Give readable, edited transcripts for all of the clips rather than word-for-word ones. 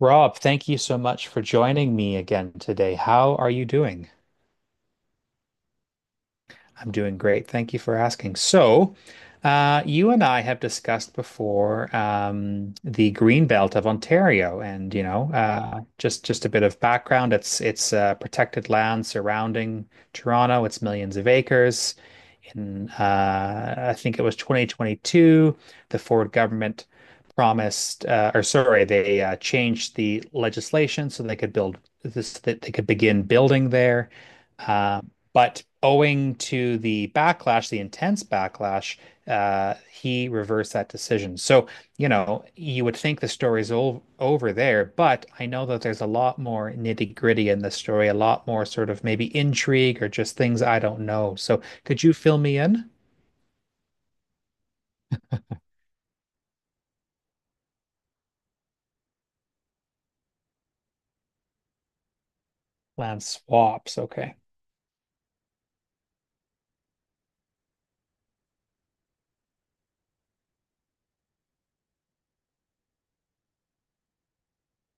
Rob, thank you so much for joining me again today. How are you doing? I'm doing great. Thank you for asking. So, you and I have discussed before the Green Belt of Ontario, and you know, just a bit of background. It's protected land surrounding Toronto. It's millions of acres in I think it was 2022, the Ford government promised, or sorry, they changed the legislation so they could build this, that they could begin building there. Uh, but owing to the backlash, the intense backlash, he reversed that decision. So, you know, you would think the story's all over there, but I know that there's a lot more nitty-gritty in the story, a lot more sort of maybe intrigue or just things I don't know. So, could you fill me in? Land swaps. Okay.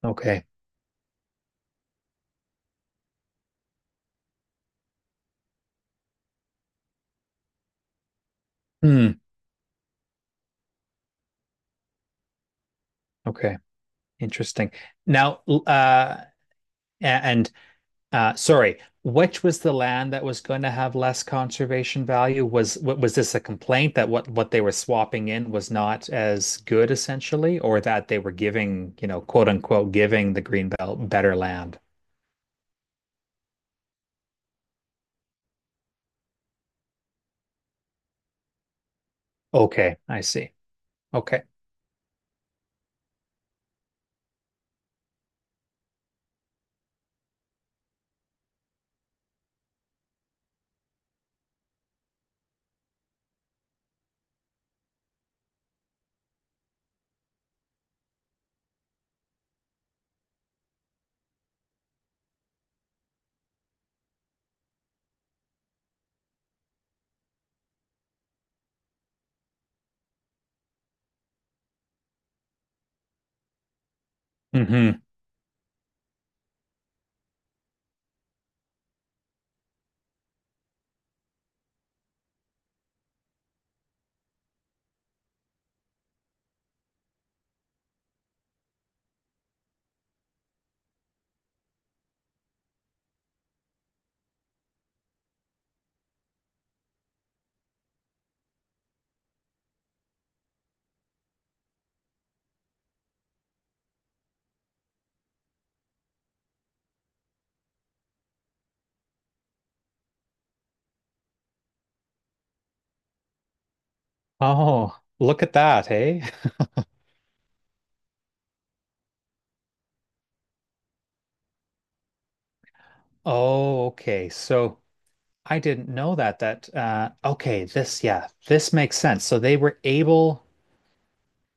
Okay. Hmm. Okay. Interesting. Now, uh, and sorry, which was the land that was going to have less conservation value? Was this a complaint that what they were swapping in was not as good, essentially, or that they were giving, you know, quote unquote, giving the greenbelt better land? Okay, I see. Okay. Hmm. Oh, look at that, hey? Oh, okay. So, I didn't know that okay, this yeah, this makes sense. So they were able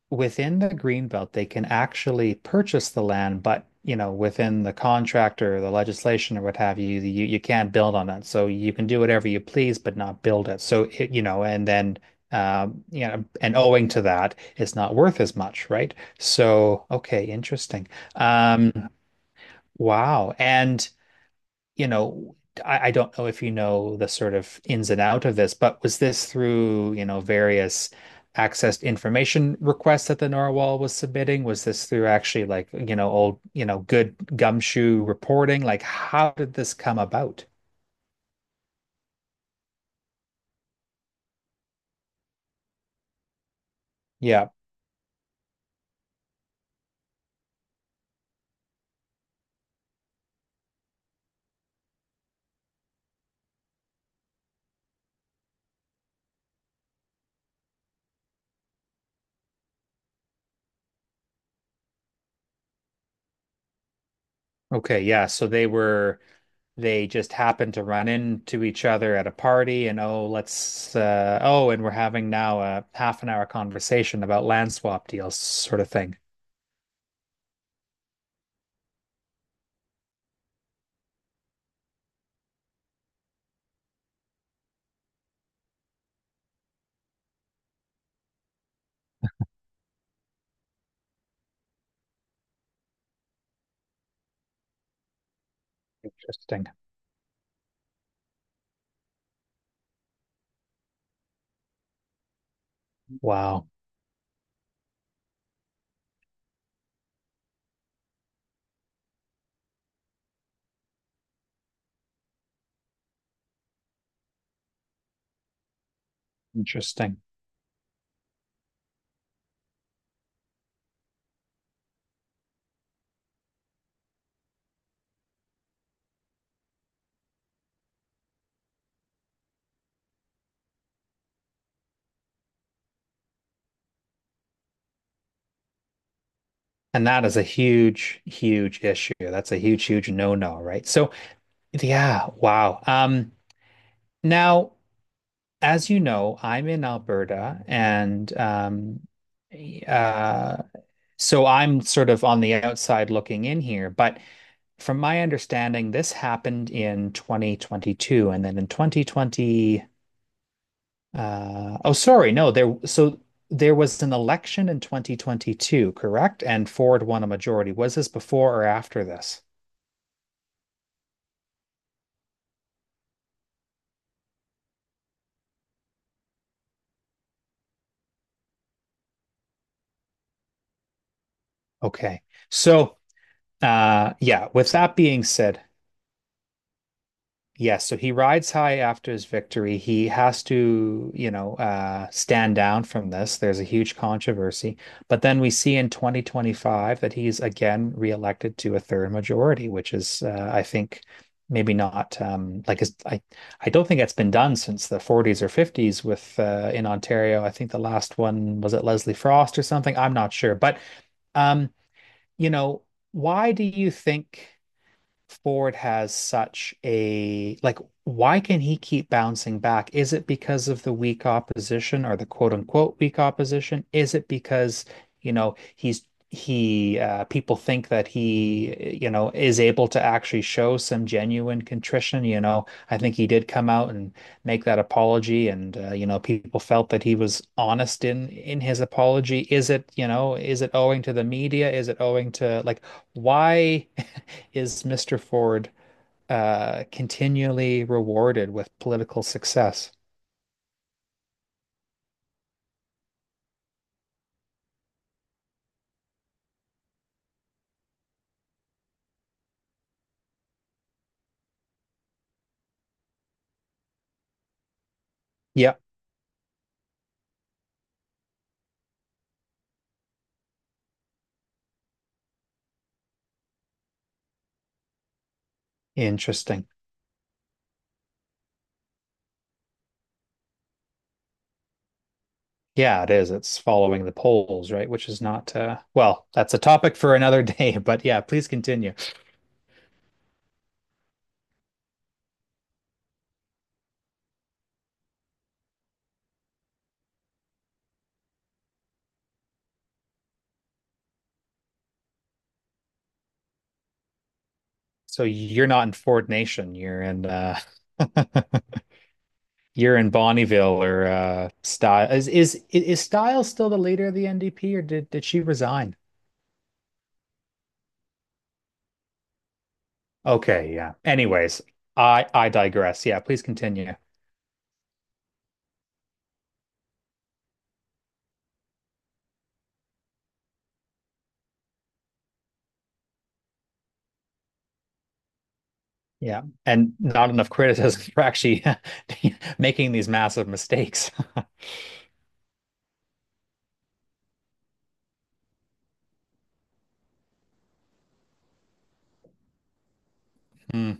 within the greenbelt, they can actually purchase the land, but you know, within the contract or the legislation or what have you, you can't build on it. So you can do whatever you please, but not build it. So it, you know, and then you know, and owing to that, it's not worth as much, right? So okay, interesting. Um, wow. And you know, I don't know if you know the sort of ins and out of this, but was this through, you know, various access information requests that the Narwhal was submitting? Was this through actually like, you know, old, you know, good gumshoe reporting? Like, how did this come about? Yeah. Okay. Yeah. So they were, they just happened to run into each other at a party and, oh, let's, oh, and we're having now a half an hour conversation about land swap deals, sort of thing. Interesting. Wow. Interesting. And that is a huge, huge issue. That's a huge, huge no-no, right? So, yeah, wow. Now, as you know, I'm in Alberta and eh, uh, so I'm sort of on the outside looking in here. But from my understanding, this happened in 2022 and then in 2020. Uh, oh, sorry, no, there. So there was an election in 2022, correct? And Ford won a majority. Was this before or after this? Okay. So, yeah, with that being said, yes, so he rides high after his victory. He has to, you know, stand down from this. There's a huge controversy. But then we see in 2025 that he's again reelected to a third majority, which is, I think, maybe not like his, I don't think it's been done since the 40s or 50s with in Ontario. I think the last one was at Leslie Frost or something. I'm not sure. But, um, you know, why do you think Ford has such a like why can he keep bouncing back? Is it because of the weak opposition or the quote unquote weak opposition? Is it because, you know, he's he people think that he, you know, is able to actually show some genuine contrition, you know. I think he did come out and make that apology and you know, people felt that he was honest in his apology. Is it, you know, is it owing to the media? Is it owing to like why is Mr. Ford continually rewarded with political success? Yeah, interesting. Yeah, it is. It's following the polls, right? Which is not, well, that's a topic for another day, but yeah, please continue. So you're not in Ford Nation, you're in You're in Bonneville or Style. Is Style still the leader of the NDP or did she resign? Okay, yeah. Anyways, I digress. Yeah, please continue. Yeah. And not enough criticism for actually making these massive mistakes. Hmm.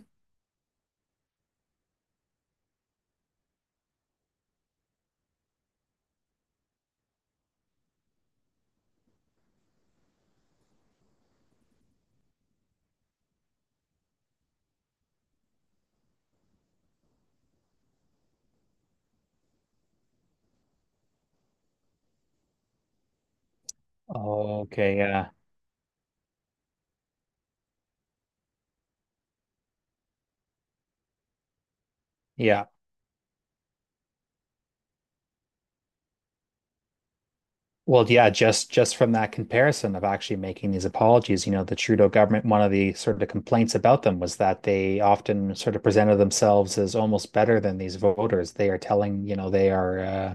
Okay, yeah. Yeah. Well, yeah, just from that comparison of actually making these apologies, you know, the Trudeau government, one of the sort of complaints about them was that they often sort of presented themselves as almost better than these voters. They are telling, you know, they are uh,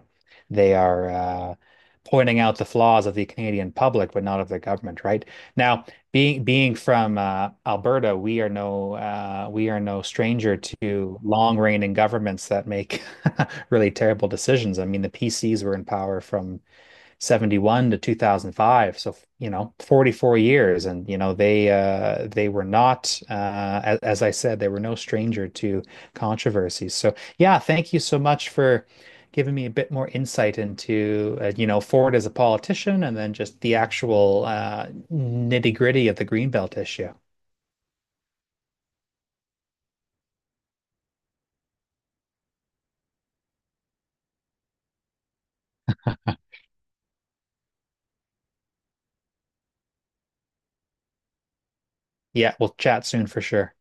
they are uh, pointing out the flaws of the Canadian public, but not of the government, right? Now, being from Alberta, we are no stranger to long reigning governments that make really terrible decisions. I mean, the PCs were in power from 71 to 2005, so you know, 44 years, and you know they they were not as I said, they were no stranger to controversies. So yeah, thank you so much for giving me a bit more insight into you know, Ford as a politician and then just the actual nitty-gritty of the Greenbelt issue. Yeah, we'll chat soon for sure.